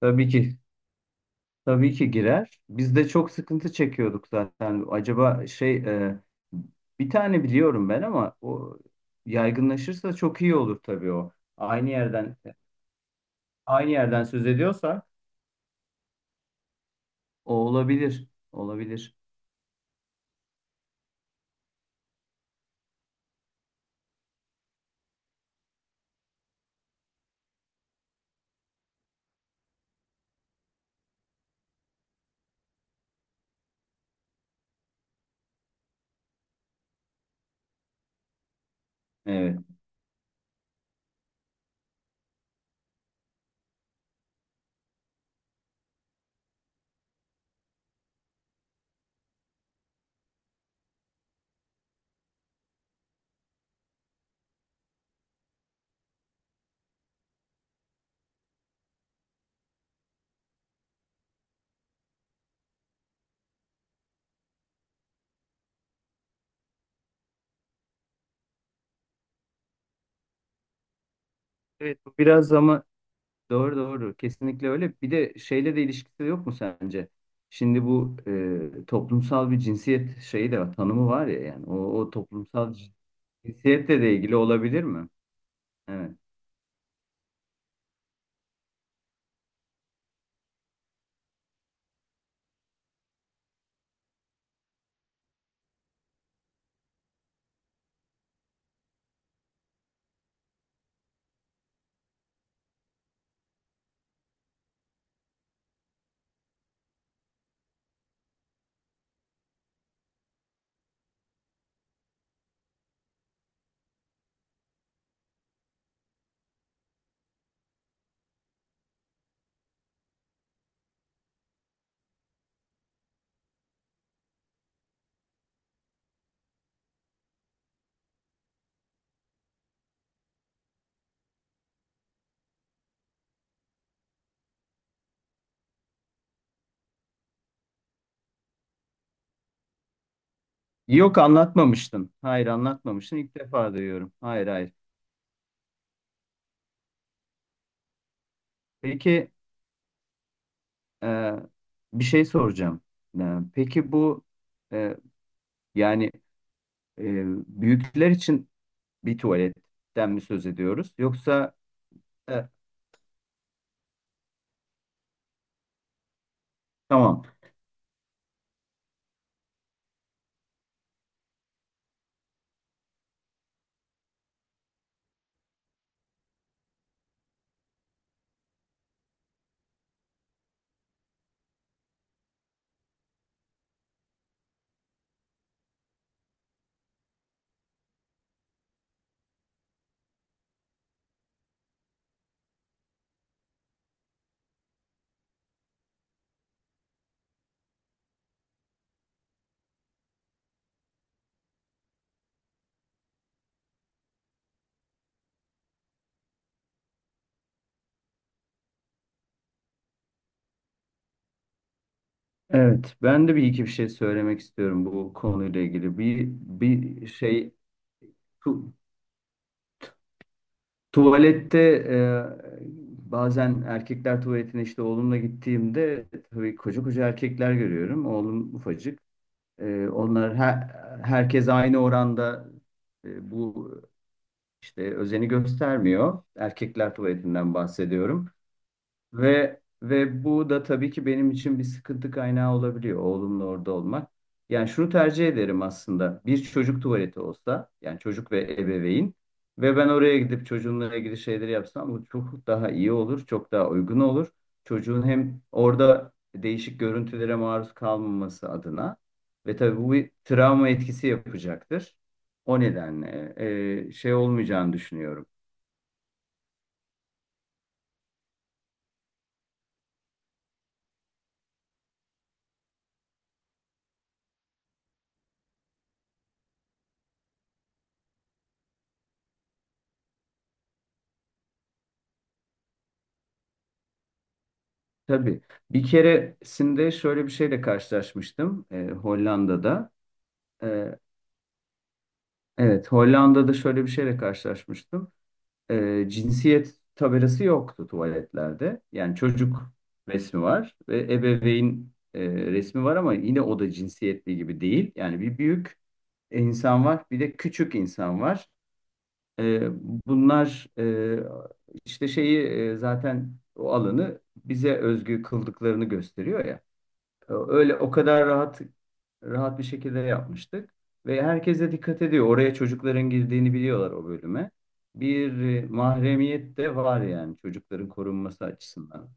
Tabii ki, tabii ki girer. Biz de çok sıkıntı çekiyorduk zaten. Acaba bir tane biliyorum ben, ama o yaygınlaşırsa çok iyi olur tabii o. Aynı yerden söz ediyorsa o olabilir, olabilir. Evet. Evet, bu biraz, ama doğru, kesinlikle öyle. Bir de şeyle de ilişkisi yok mu sence? Şimdi bu toplumsal bir cinsiyet şeyi de var, tanımı var ya, yani o toplumsal cinsiyetle de ilgili olabilir mi? Evet. Yok, anlatmamıştın. Hayır, anlatmamıştın. İlk defa duyuyorum. Hayır, hayır. Peki, e, bir şey soracağım. Peki bu, e, yani, e, büyükler için bir tuvaletten mi söz ediyoruz? Yoksa e, tamam. Evet, ben de bir iki bir şey söylemek istiyorum bu konuyla ilgili. Bir, bir şey tu- tuvalette, bazen erkekler tuvaletine işte oğlumla gittiğimde tabii koca koca erkekler görüyorum. Oğlum ufacık. E, herkes aynı oranda bu işte özeni göstermiyor. Erkekler tuvaletinden bahsediyorum. Ve bu da tabii ki benim için bir sıkıntı kaynağı olabiliyor oğlumla orada olmak. Yani şunu tercih ederim aslında. Bir çocuk tuvaleti olsa, yani çocuk ve ebeveyn ve ben oraya gidip çocuğunla ilgili şeyleri yapsam, bu çok daha iyi olur, çok daha uygun olur. Çocuğun hem orada değişik görüntülere maruz kalmaması adına ve tabii bu bir travma etkisi yapacaktır. O nedenle şey olmayacağını düşünüyorum. Tabii. Bir keresinde şöyle bir şeyle karşılaşmıştım Hollanda'da. E, evet, Hollanda'da şöyle bir şeyle karşılaşmıştım. Cinsiyet tabelası yoktu tuvaletlerde. Yani çocuk resmi var ve ebeveyn resmi var, ama yine o da cinsiyetli gibi değil. Yani bir büyük insan var, bir de küçük insan var. E, bunlar, işte şeyi, zaten o alanı bize özgü kıldıklarını gösteriyor ya. Öyle o kadar rahat bir şekilde yapmıştık. Ve herkes de dikkat ediyor. Oraya çocukların girdiğini biliyorlar o bölüme. Bir mahremiyet de var yani, çocukların korunması açısından.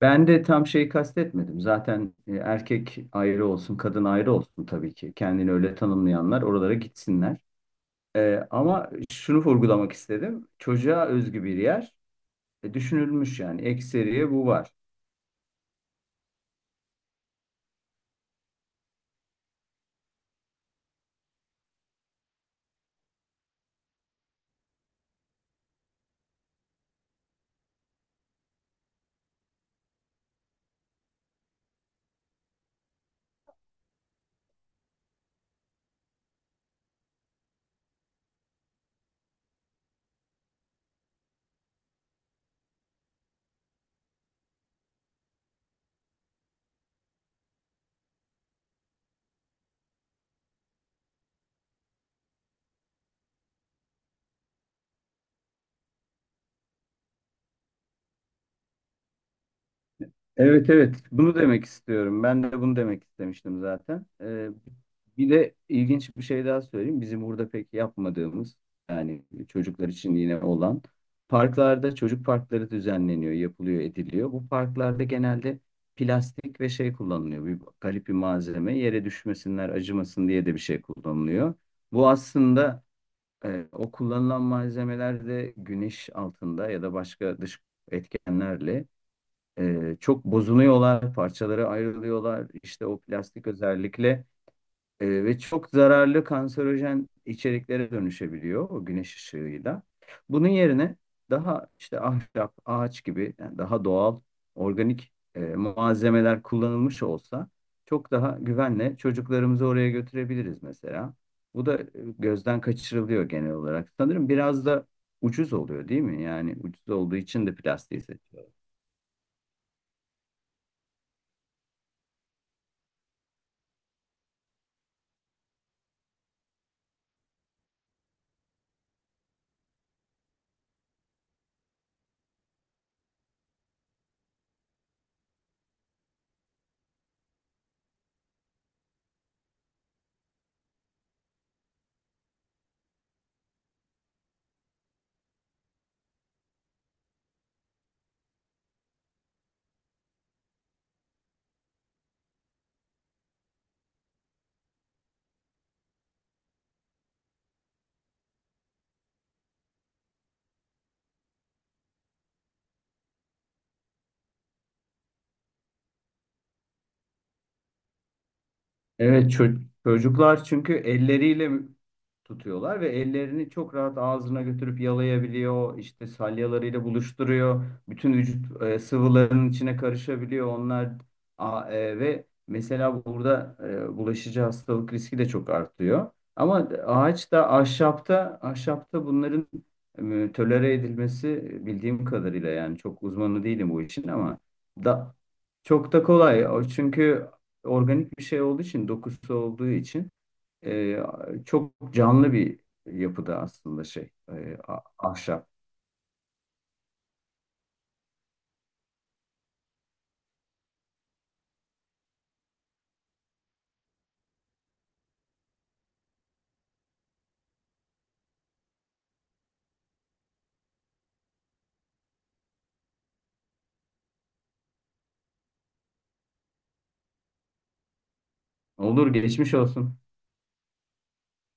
Ben de tam şeyi kastetmedim. Zaten erkek ayrı olsun, kadın ayrı olsun tabii ki. Kendini öyle tanımlayanlar oralara gitsinler. Ama şunu vurgulamak istedim. Çocuğa özgü bir yer düşünülmüş yani. Ekseriye bu var. Evet, evet, bunu demek istiyorum. Ben de bunu demek istemiştim zaten. Bir de ilginç bir şey daha söyleyeyim. Bizim burada pek yapmadığımız, yani çocuklar için yine olan parklarda çocuk parkları düzenleniyor, yapılıyor, ediliyor. Bu parklarda genelde plastik ve şey kullanılıyor. Bir garip bir malzeme, yere düşmesinler, acımasın diye de bir şey kullanılıyor. Bu aslında, o kullanılan malzemeler de güneş altında ya da başka dış etkenlerle çok bozuluyorlar, parçalara ayrılıyorlar. İşte o plastik özellikle. Ve çok zararlı kanserojen içeriklere dönüşebiliyor o güneş ışığıyla. Bunun yerine daha işte ahşap, ağaç gibi, yani daha doğal, organik malzemeler kullanılmış olsa çok daha güvenle çocuklarımızı oraya götürebiliriz mesela. Bu da gözden kaçırılıyor genel olarak. Sanırım biraz da ucuz oluyor değil mi? Yani ucuz olduğu için de plastiği seçiyorlar. Evet, çocuklar çünkü elleriyle tutuyorlar ve ellerini çok rahat ağzına götürüp yalayabiliyor. İşte salyalarıyla buluşturuyor. Bütün vücut sıvılarının içine karışabiliyor onlar. Ve mesela burada bulaşıcı hastalık riski de çok artıyor. Ama ağaçta, ahşapta bunların tolere edilmesi, bildiğim kadarıyla, yani çok uzmanı değilim bu işin, ama da çok da kolay. O çünkü organik bir şey olduğu için, dokusu olduğu için e, çok canlı bir yapıda aslında ahşap. Olur, geçmiş olsun.